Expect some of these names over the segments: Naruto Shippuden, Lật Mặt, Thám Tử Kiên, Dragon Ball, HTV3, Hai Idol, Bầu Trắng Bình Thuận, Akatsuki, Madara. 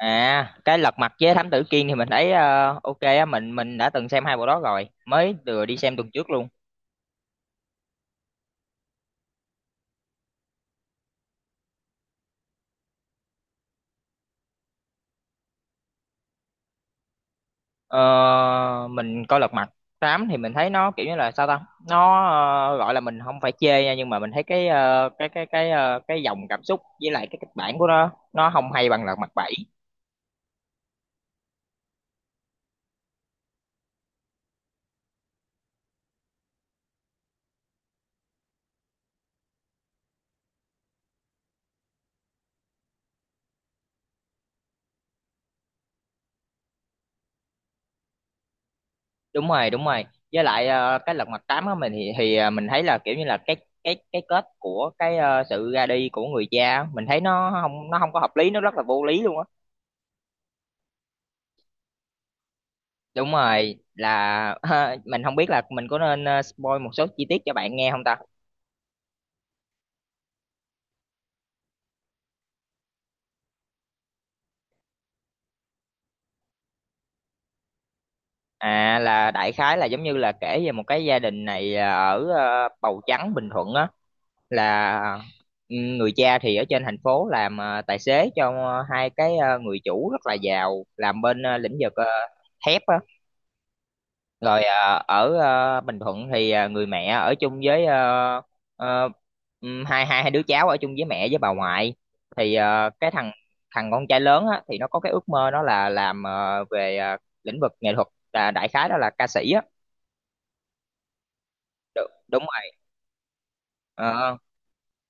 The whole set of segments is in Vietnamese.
À, cái Lật Mặt với Thám Tử Kiên thì mình thấy ok á, mình đã từng xem hai bộ đó rồi, mới vừa đi xem tuần trước luôn. Ờ, mình coi Lật Mặt tám thì mình thấy nó kiểu như là sao ta? Nó, gọi là mình không phải chê nha, nhưng mà mình thấy cái ờ, cái ờ, cái dòng cảm xúc với lại cái kịch bản của nó không hay bằng Lật Mặt bảy. Đúng rồi, đúng rồi. Với lại cái Lật Mặt tám á mình thì mình thấy là kiểu như là cái kết của cái sự ra đi của người cha á, mình thấy nó không có hợp lý, nó rất là vô lý luôn á. Đúng rồi là mình không biết là mình có nên spoil một số chi tiết cho bạn nghe không ta? À, là đại khái là giống như là kể về một cái gia đình này ở Bầu Trắng Bình Thuận á là người cha thì ở trên thành phố làm tài xế cho hai cái người chủ rất là giàu làm bên lĩnh vực thép á. Rồi ở Bình Thuận thì người mẹ ở chung với à, hai hai hai đứa cháu ở chung với mẹ với bà ngoại thì cái thằng thằng con trai lớn á, thì nó có cái ước mơ nó là làm về lĩnh vực nghệ thuật, là đại khái đó là ca sĩ á. Đúng rồi. Ờ,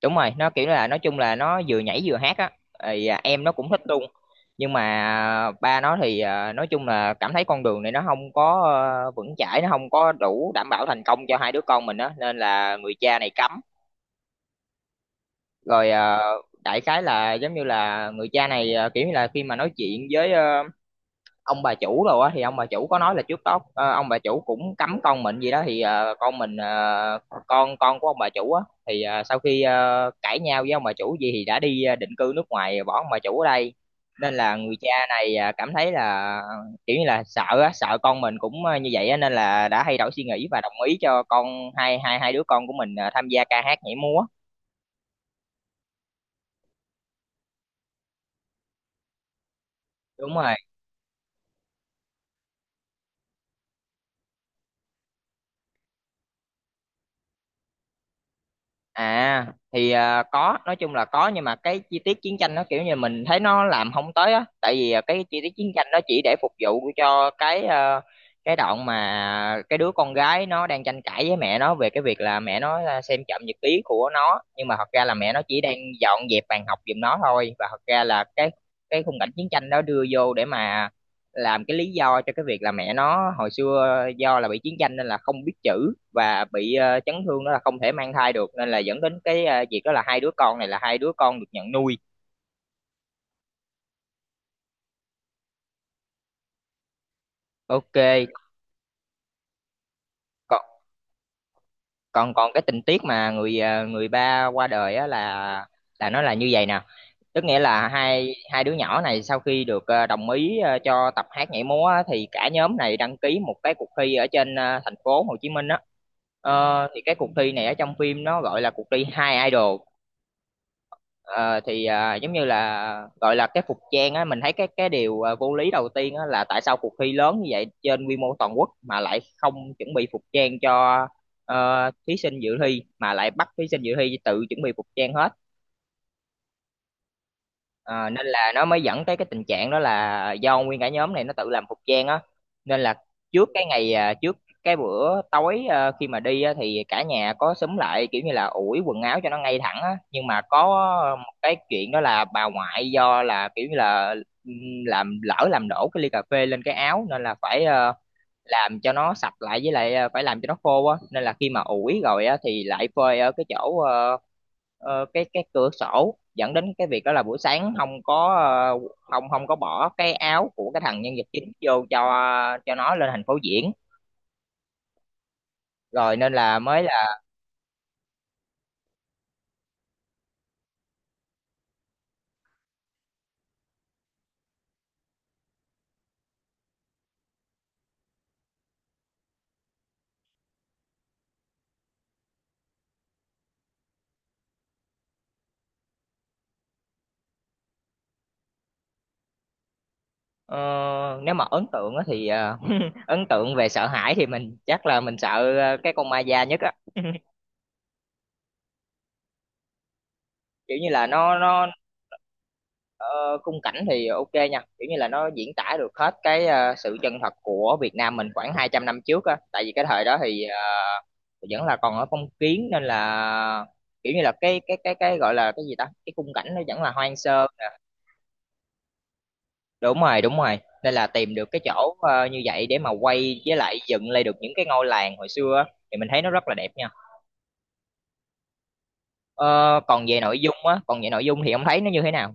đúng rồi, nó kiểu là nói chung là nó vừa nhảy vừa hát á, thì em nó cũng thích luôn, nhưng mà ba nó thì nói chung là cảm thấy con đường này nó không có vững chãi, nó không có đủ đảm bảo thành công cho hai đứa con mình á nên là người cha này cấm rồi. Ờ, Đại khái là giống như là người cha này kiểu như là khi mà nói chuyện với ông bà chủ rồi á thì ông bà chủ có nói là trước đó ông bà chủ cũng cấm con mình gì đó, thì con mình con của ông bà chủ á thì sau khi cãi nhau với ông bà chủ gì thì đã đi định cư nước ngoài bỏ ông bà chủ ở đây, nên là người cha này cảm thấy là kiểu như là sợ á, sợ con mình cũng như vậy á, nên là đã thay đổi suy nghĩ và đồng ý cho con hai hai hai đứa con của mình tham gia ca hát nhảy múa. Đúng rồi. À, thì có, nói chung là có, nhưng mà cái chi tiết chiến tranh nó kiểu như mình thấy nó làm không tới á, tại vì cái chi tiết chiến tranh nó chỉ để phục vụ cho cái đoạn mà cái đứa con gái nó đang tranh cãi với mẹ nó về cái việc là mẹ nó xem trộm nhật ký của nó, nhưng mà thật ra là mẹ nó chỉ đang dọn dẹp bàn học giùm nó thôi, và thật ra là cái khung cảnh chiến tranh đó đưa vô để mà làm cái lý do cho cái việc là mẹ nó hồi xưa do là bị chiến tranh nên là không biết chữ và bị chấn thương, đó là không thể mang thai được, nên là dẫn đến cái việc đó là hai đứa con này là hai đứa con được nhận nuôi. Ok. Còn còn còn cái tình tiết mà người ba qua đời á, là nó là như vậy nè, tức nghĩa là hai hai đứa nhỏ này sau khi được đồng ý cho tập hát nhảy múa á, thì cả nhóm này đăng ký một cái cuộc thi ở trên thành phố Hồ Chí Minh á. Thì cái cuộc thi này ở trong phim nó gọi là cuộc thi Hai Idol. Thì giống như là gọi là cái phục trang á, mình thấy cái điều vô lý đầu tiên á là tại sao cuộc thi lớn như vậy trên quy mô toàn quốc mà lại không chuẩn bị phục trang cho thí sinh dự thi, mà lại bắt thí sinh dự thi tự chuẩn bị phục trang hết. Ờ, Nên là nó mới dẫn tới cái tình trạng đó là do nguyên cả nhóm này nó tự làm phục trang á, nên là trước cái bữa tối khi mà đi á, thì cả nhà có xúm lại kiểu như là ủi quần áo cho nó ngay thẳng á, nhưng mà có một cái chuyện đó là bà ngoại do là kiểu như là ừ, làm đổ cái ly cà phê lên cái áo, nên là phải làm cho nó sạch lại, với lại phải làm cho nó khô á, nên là khi mà ủi rồi á thì lại phơi ở cái chỗ cái cửa sổ, dẫn đến cái việc đó là buổi sáng không có bỏ cái áo của cái thằng nhân vật chính vô cho nó lên thành phố diễn rồi, nên là mới là ờ, nếu mà ấn tượng á thì ấn tượng về sợ hãi thì mình chắc là mình sợ cái con ma da nhất á kiểu như là nó. Ờ, Khung cảnh thì ok nha, kiểu như là nó diễn tả được hết cái sự chân thật của Việt Nam mình khoảng 200 năm trước á, tại vì cái thời đó thì vẫn là còn ở phong kiến nên là kiểu như là cái gọi là cái gì ta, cái khung cảnh nó vẫn là hoang sơ. Đúng rồi, đúng rồi, nên là tìm được cái chỗ như vậy để mà quay với lại dựng lại được những cái ngôi làng hồi xưa á, thì mình thấy nó rất là đẹp nha. Ờ, Còn về nội dung á, còn về nội dung thì ông thấy nó như thế nào?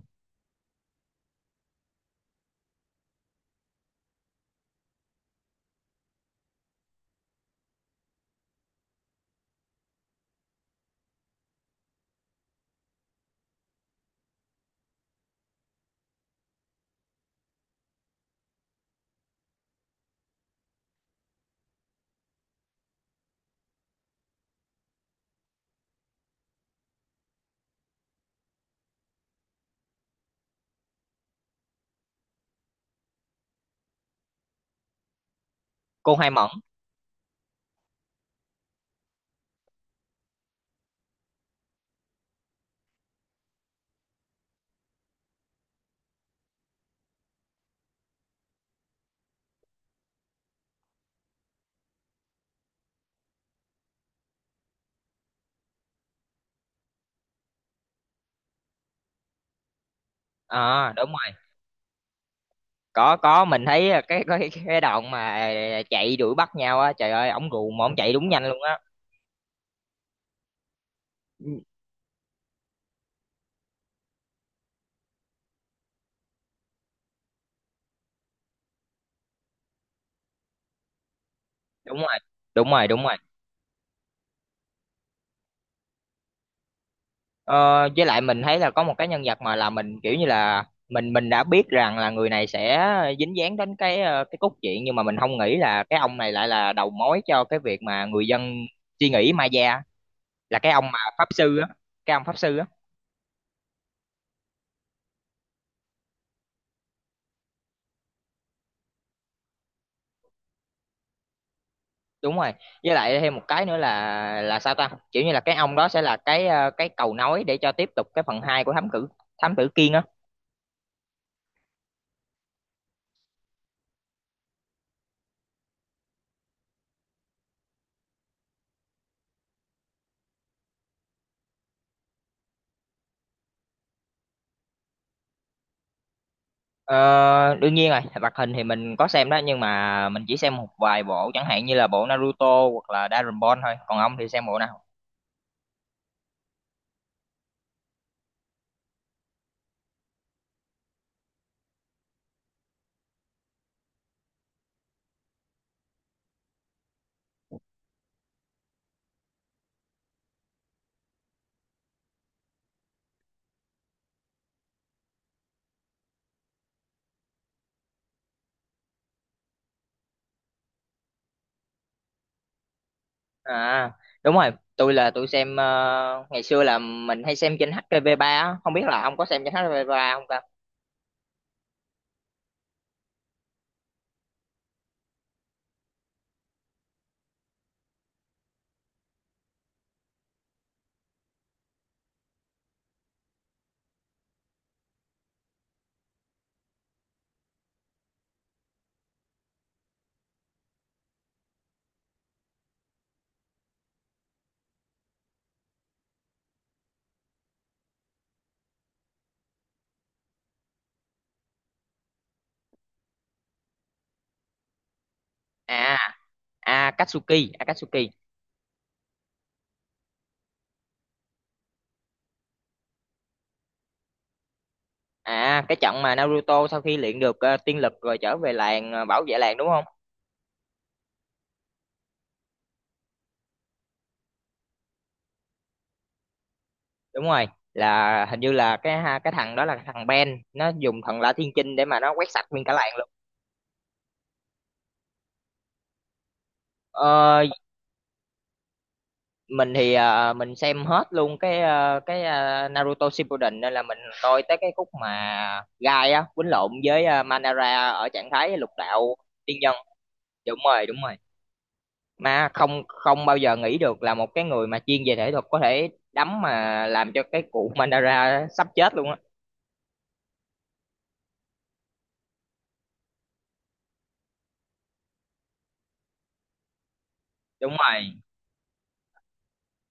Cô Hai Mẫn. À, đúng. Có, mình thấy cái đoạn mà chạy đuổi bắt nhau á, trời ơi, ổng gù mà ổng chạy đúng nhanh luôn á. Ừ, đúng rồi, đúng rồi, đúng rồi. Ờ, với lại mình thấy là có một cái nhân vật mà là mình kiểu như là mình đã biết rằng là người này sẽ dính dáng đến cái cốt truyện, nhưng mà mình không nghĩ là cái ông này lại là đầu mối cho cái việc mà người dân suy nghĩ ma da, là cái ông mà pháp sư á, cái ông pháp sư á. Đúng rồi, với lại thêm một cái nữa là sao ta, kiểu như là cái ông đó sẽ là cái cầu nối để cho tiếp tục cái phần 2 của thám tử Kiên á. Ờ, Đương nhiên rồi, hoạt hình thì mình có xem đó, nhưng mà mình chỉ xem một vài bộ chẳng hạn như là bộ Naruto hoặc là Dragon Ball thôi, còn ông thì xem bộ nào? À, đúng rồi, tôi xem ngày xưa là mình hay xem trên HTV3 á, không biết là ông có xem trên HTV3 không ta? À, Akatsuki, Akatsuki. À, cái trận mà Naruto sau khi luyện được tiên lực rồi trở về làng bảo vệ làng đúng không? Đúng rồi, là hình như là cái thằng đó là thằng Ben, nó dùng thần La Thiên Chinh để mà nó quét sạch nguyên cả làng luôn. Ờ, mình xem hết luôn cái Naruto Shippuden, nên là mình coi tới cái khúc mà Gai á quýnh lộn với Madara ở trạng thái lục đạo tiên nhân. Đúng rồi, đúng rồi. Mà không không bao giờ nghĩ được là một cái người mà chuyên về thể thuật có thể đấm mà làm cho cái cụ Mandara sắp chết luôn á. Đúng rồi,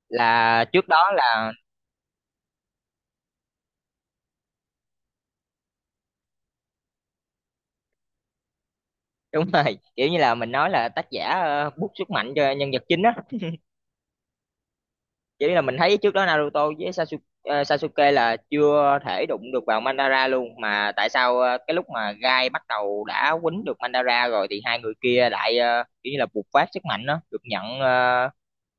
là trước đó là đúng rồi, kiểu như là mình nói là tác giả bút sức mạnh cho nhân vật chính á. Chỉ là mình thấy trước đó Naruto với Sasuke là chưa thể đụng được vào Madara luôn, mà tại sao cái lúc mà Gai bắt đầu đã quýnh được Madara rồi thì hai người kia lại kiểu như là bộc phát sức mạnh đó, được nhận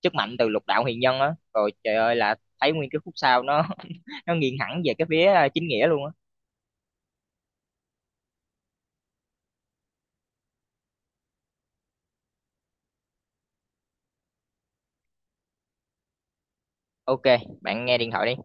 sức mạnh từ lục đạo huyền nhân á. Rồi trời ơi là thấy nguyên cái khúc sau nó nó nghiêng hẳn về cái phía chính nghĩa luôn á. Ok, bạn nghe điện thoại đi.